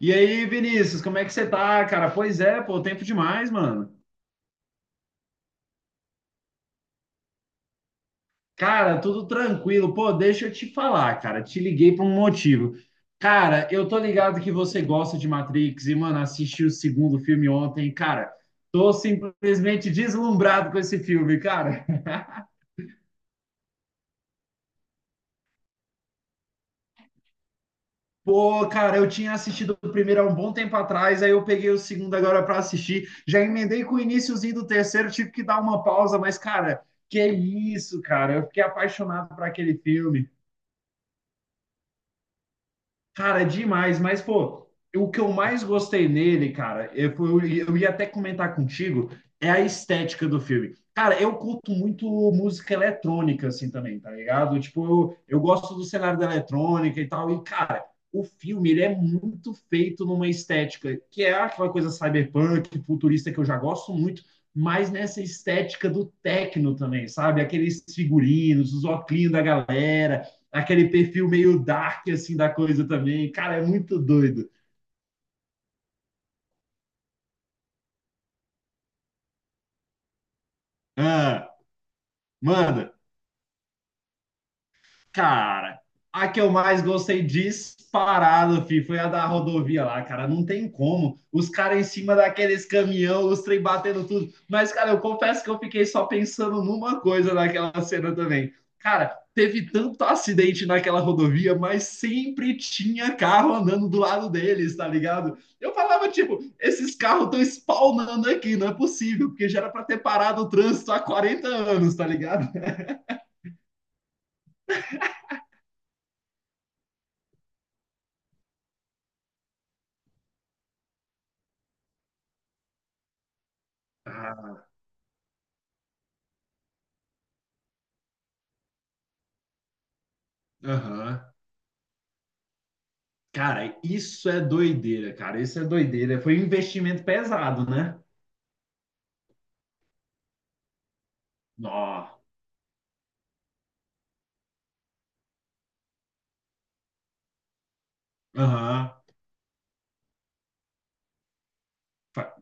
E aí, Vinícius, como é que você tá, cara? Pois é, pô, tempo demais, mano. Cara, tudo tranquilo. Pô, deixa eu te falar, cara. Te liguei por um motivo. Cara, eu tô ligado que você gosta de Matrix e, mano, assisti o segundo filme ontem. Cara, tô simplesmente deslumbrado com esse filme, cara. Pô, cara, eu tinha assistido o primeiro há um bom tempo atrás, aí eu peguei o segundo agora para assistir. Já emendei com o iníciozinho do terceiro, tive que dar uma pausa, mas, cara, que isso, cara? Eu fiquei apaixonado por aquele filme. Cara, é demais, mas pô, o que eu mais gostei nele, cara, eu ia até comentar contigo, é a estética do filme. Cara, eu curto muito música eletrônica, assim, também, tá ligado? Tipo, eu gosto do cenário da eletrônica e tal, e, cara, o filme, ele é muito feito numa estética, que é aquela coisa cyberpunk, futurista, que eu já gosto muito, mas nessa estética do techno também, sabe? Aqueles figurinos, os óculos da galera, aquele perfil meio dark, assim, da coisa também. Cara, é muito doido. Ah, manda. Cara, a que eu mais gostei disparado, foi a da rodovia lá, cara. Não tem como. Os caras em cima daqueles caminhão, os trem batendo tudo. Mas, cara, eu confesso que eu fiquei só pensando numa coisa naquela cena também. Cara, teve tanto acidente naquela rodovia, mas sempre tinha carro andando do lado deles, tá ligado? Eu falava, tipo, esses carros estão spawnando aqui, não é possível, porque já era pra ter parado o trânsito há 40 anos, tá ligado? Aham. Cara, isso é doideira, cara. Isso é doideira. Foi um investimento pesado, né? Nó. Aham. Fa-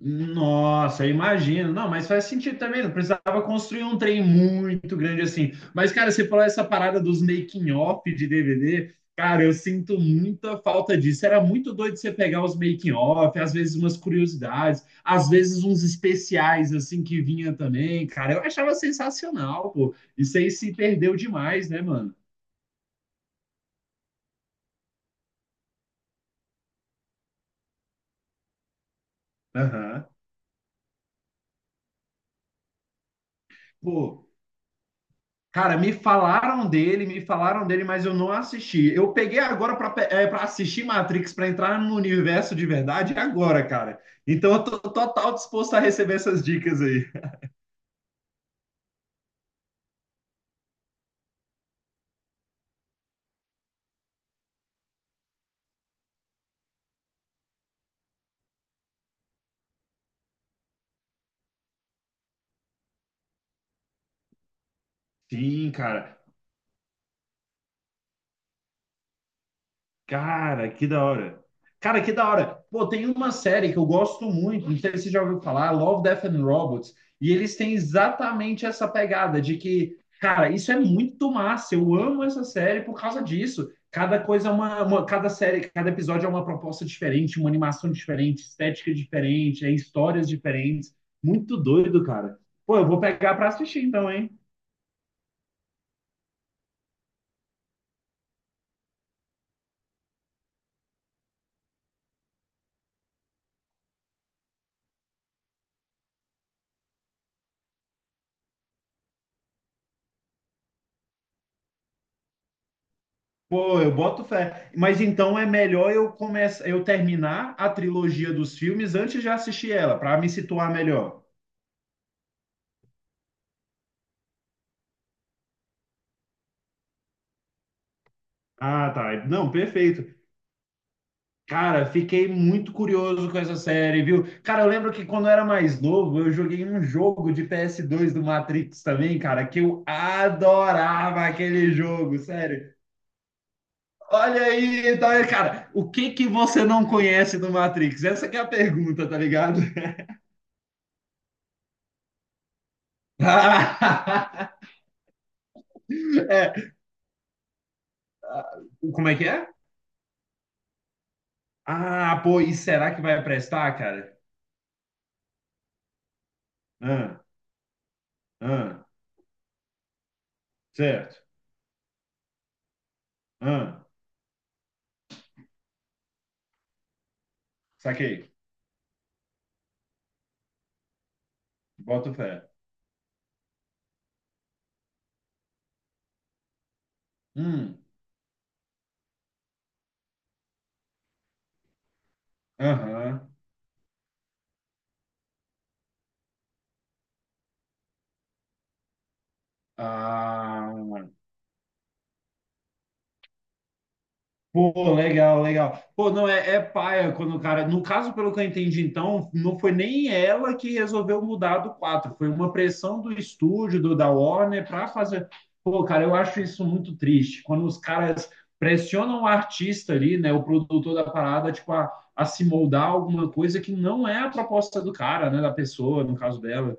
Nossa, eu imagino. Não, mas faz sentido também. Não precisava construir um trem muito grande assim. Mas, cara, você falou essa parada dos making-off de DVD. Cara, eu sinto muita falta disso. Era muito doido você pegar os making-off, às vezes umas curiosidades, às vezes uns especiais assim que vinha também. Cara, eu achava sensacional, pô. Isso aí se perdeu demais, né, mano? Pô, cara, me falaram dele, mas eu não assisti. Eu peguei agora para assistir Matrix, para entrar no universo de verdade agora, cara. Então eu tô total disposto a receber essas dicas aí. Sim, cara. Cara, que da hora. Cara, que da hora. Pô, tem uma série que eu gosto muito, não sei se você já ouviu falar, Love, Death and Robots, e eles têm exatamente essa pegada de que, cara, isso é muito massa, eu amo essa série por causa disso. Cada coisa é uma, cada série, cada episódio é uma proposta diferente, uma animação diferente, estética diferente, é histórias diferentes. Muito doido, cara. Pô, eu vou pegar pra assistir então, hein? Pô, eu boto fé. Mas então é melhor eu terminar a trilogia dos filmes antes de assistir ela, para me situar melhor. Ah, tá. Não, perfeito. Cara, fiquei muito curioso com essa série, viu? Cara, eu lembro que quando eu era mais novo, eu joguei um jogo de PS2 do Matrix também, cara, que eu adorava aquele jogo, sério. Olha aí, tá, cara, o que que você não conhece do Matrix? Essa que é a pergunta, tá ligado? É, como é que é? Ah, pô, e será que vai prestar, cara? Ah, ah, certo. Ah, saquei. Boto fé. Hum, aham. Ah, pô, legal, legal. Pô, não, é paia quando o cara. No caso, pelo que eu entendi, então, não foi nem ela que resolveu mudar do 4 foi uma pressão do estúdio, da Warner, para fazer. Pô, cara, eu acho isso muito triste. Quando os caras pressionam o artista ali, né, o produtor da parada, tipo, a se moldar alguma coisa que não é a proposta do cara, né, da pessoa, no caso dela.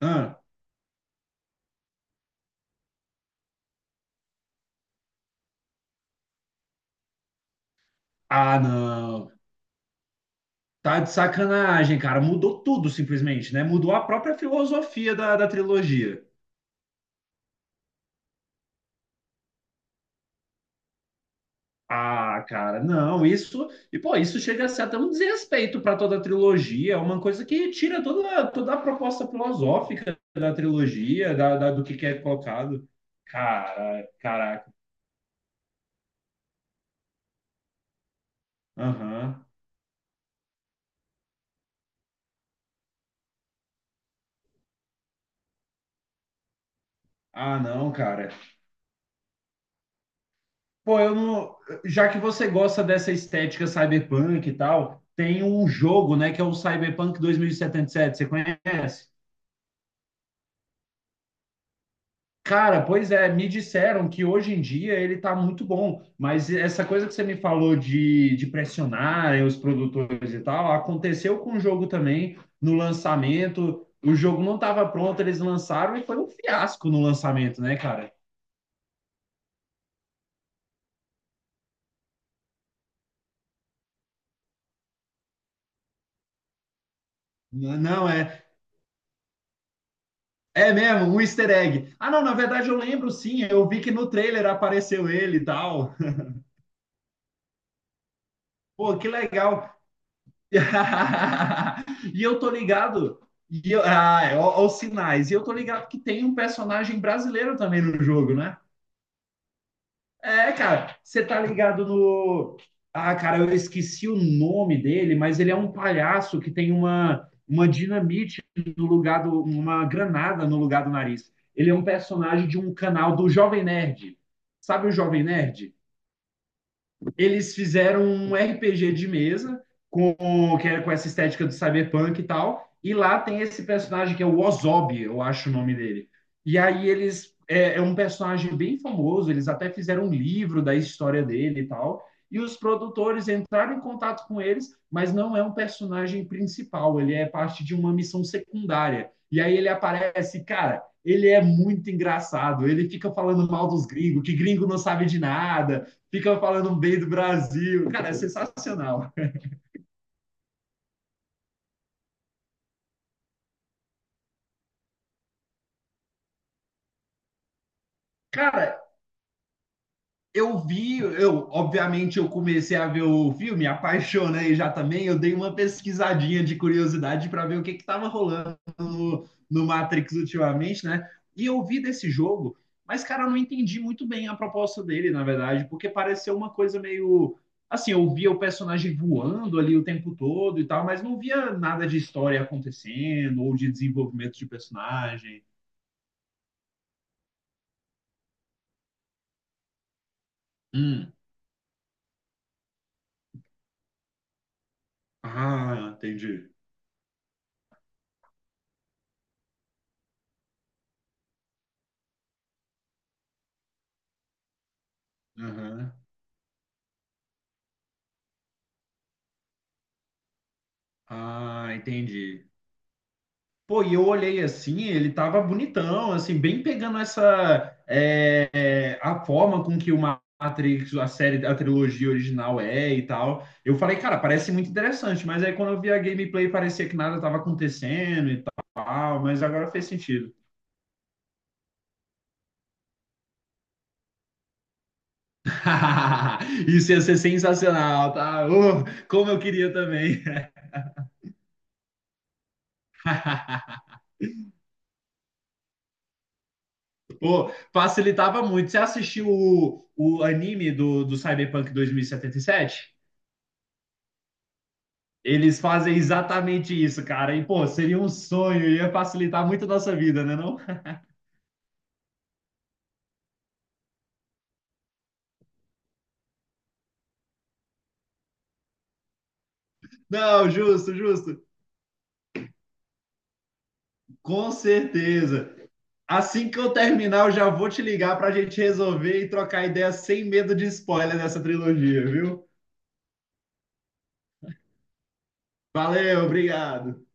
Ah, ah, não. Tá de sacanagem, cara. Mudou tudo simplesmente, né? Mudou a própria filosofia da trilogia. Ah, cara, não, isso. E, pô, isso chega a ser até um desrespeito para toda a trilogia, é uma coisa que tira toda, toda a proposta filosófica da trilogia, do que é colocado. Cara, caraca. Aham. Ah, não, cara. Pô, eu não. Já que você gosta dessa estética cyberpunk e tal, tem um jogo, né, que é o Cyberpunk 2077, você conhece? Cara, pois é, me disseram que hoje em dia ele tá muito bom, mas essa coisa que você me falou de pressionar os produtores e tal, aconteceu com o jogo também no lançamento. O jogo não estava pronto, eles lançaram e foi um fiasco no lançamento, né, cara? Não é. É mesmo, um easter egg. Ah, não, na verdade eu lembro sim, eu vi que no trailer apareceu ele e tal. Pô, que legal. E eu tô ligado. E eu, ah, é, ó, ó os sinais. E eu tô ligado que tem um personagem brasileiro também no jogo, né? É, cara, você tá ligado no. Ah, cara, eu esqueci o nome dele, mas ele é um palhaço que tem uma, dinamite no lugar do. Uma granada no lugar do nariz. Ele é um personagem de um canal do Jovem Nerd. Sabe o Jovem Nerd? Eles fizeram um RPG de mesa que é com essa estética do cyberpunk e tal. E lá tem esse personagem que é o Ozob, eu acho o nome dele. E aí é um personagem bem famoso. Eles até fizeram um livro da história dele e tal. E os produtores entraram em contato com eles, mas não é um personagem principal. Ele é parte de uma missão secundária. E aí ele aparece, cara, ele é muito engraçado. Ele fica falando mal dos gringos, que gringo não sabe de nada, fica falando bem do Brasil. Cara, é sensacional. Cara, eu obviamente eu comecei a ver o filme, apaixonei já também. Eu dei uma pesquisadinha de curiosidade para ver o que estava rolando no Matrix ultimamente, né? E eu vi desse jogo, mas cara, eu não entendi muito bem a proposta dele, na verdade, porque pareceu uma coisa meio assim, eu via o personagem voando ali o tempo todo e tal, mas não via nada de história acontecendo ou de desenvolvimento de personagem. Hum. Ah, entendi. Aham. Ah, entendi. Pô, e eu olhei assim, ele tava bonitão, assim, bem pegando essa a forma com que o Matrix, a série, a trilogia original é e tal. Eu falei, cara, parece muito interessante, mas aí quando eu vi a gameplay parecia que nada tava acontecendo e tal, mas agora fez sentido. Isso ia ser sensacional, tá? Oh, como eu queria também. Pô, facilitava muito. Você assistiu o anime do Cyberpunk 2077? Eles fazem exatamente isso, cara. E, pô, seria um sonho, ia facilitar muito a nossa vida, né, não? Não, justo, justo. Com certeza. Assim que eu terminar, eu já vou te ligar pra gente resolver e trocar ideias sem medo de spoiler dessa trilogia, viu? Valeu, obrigado.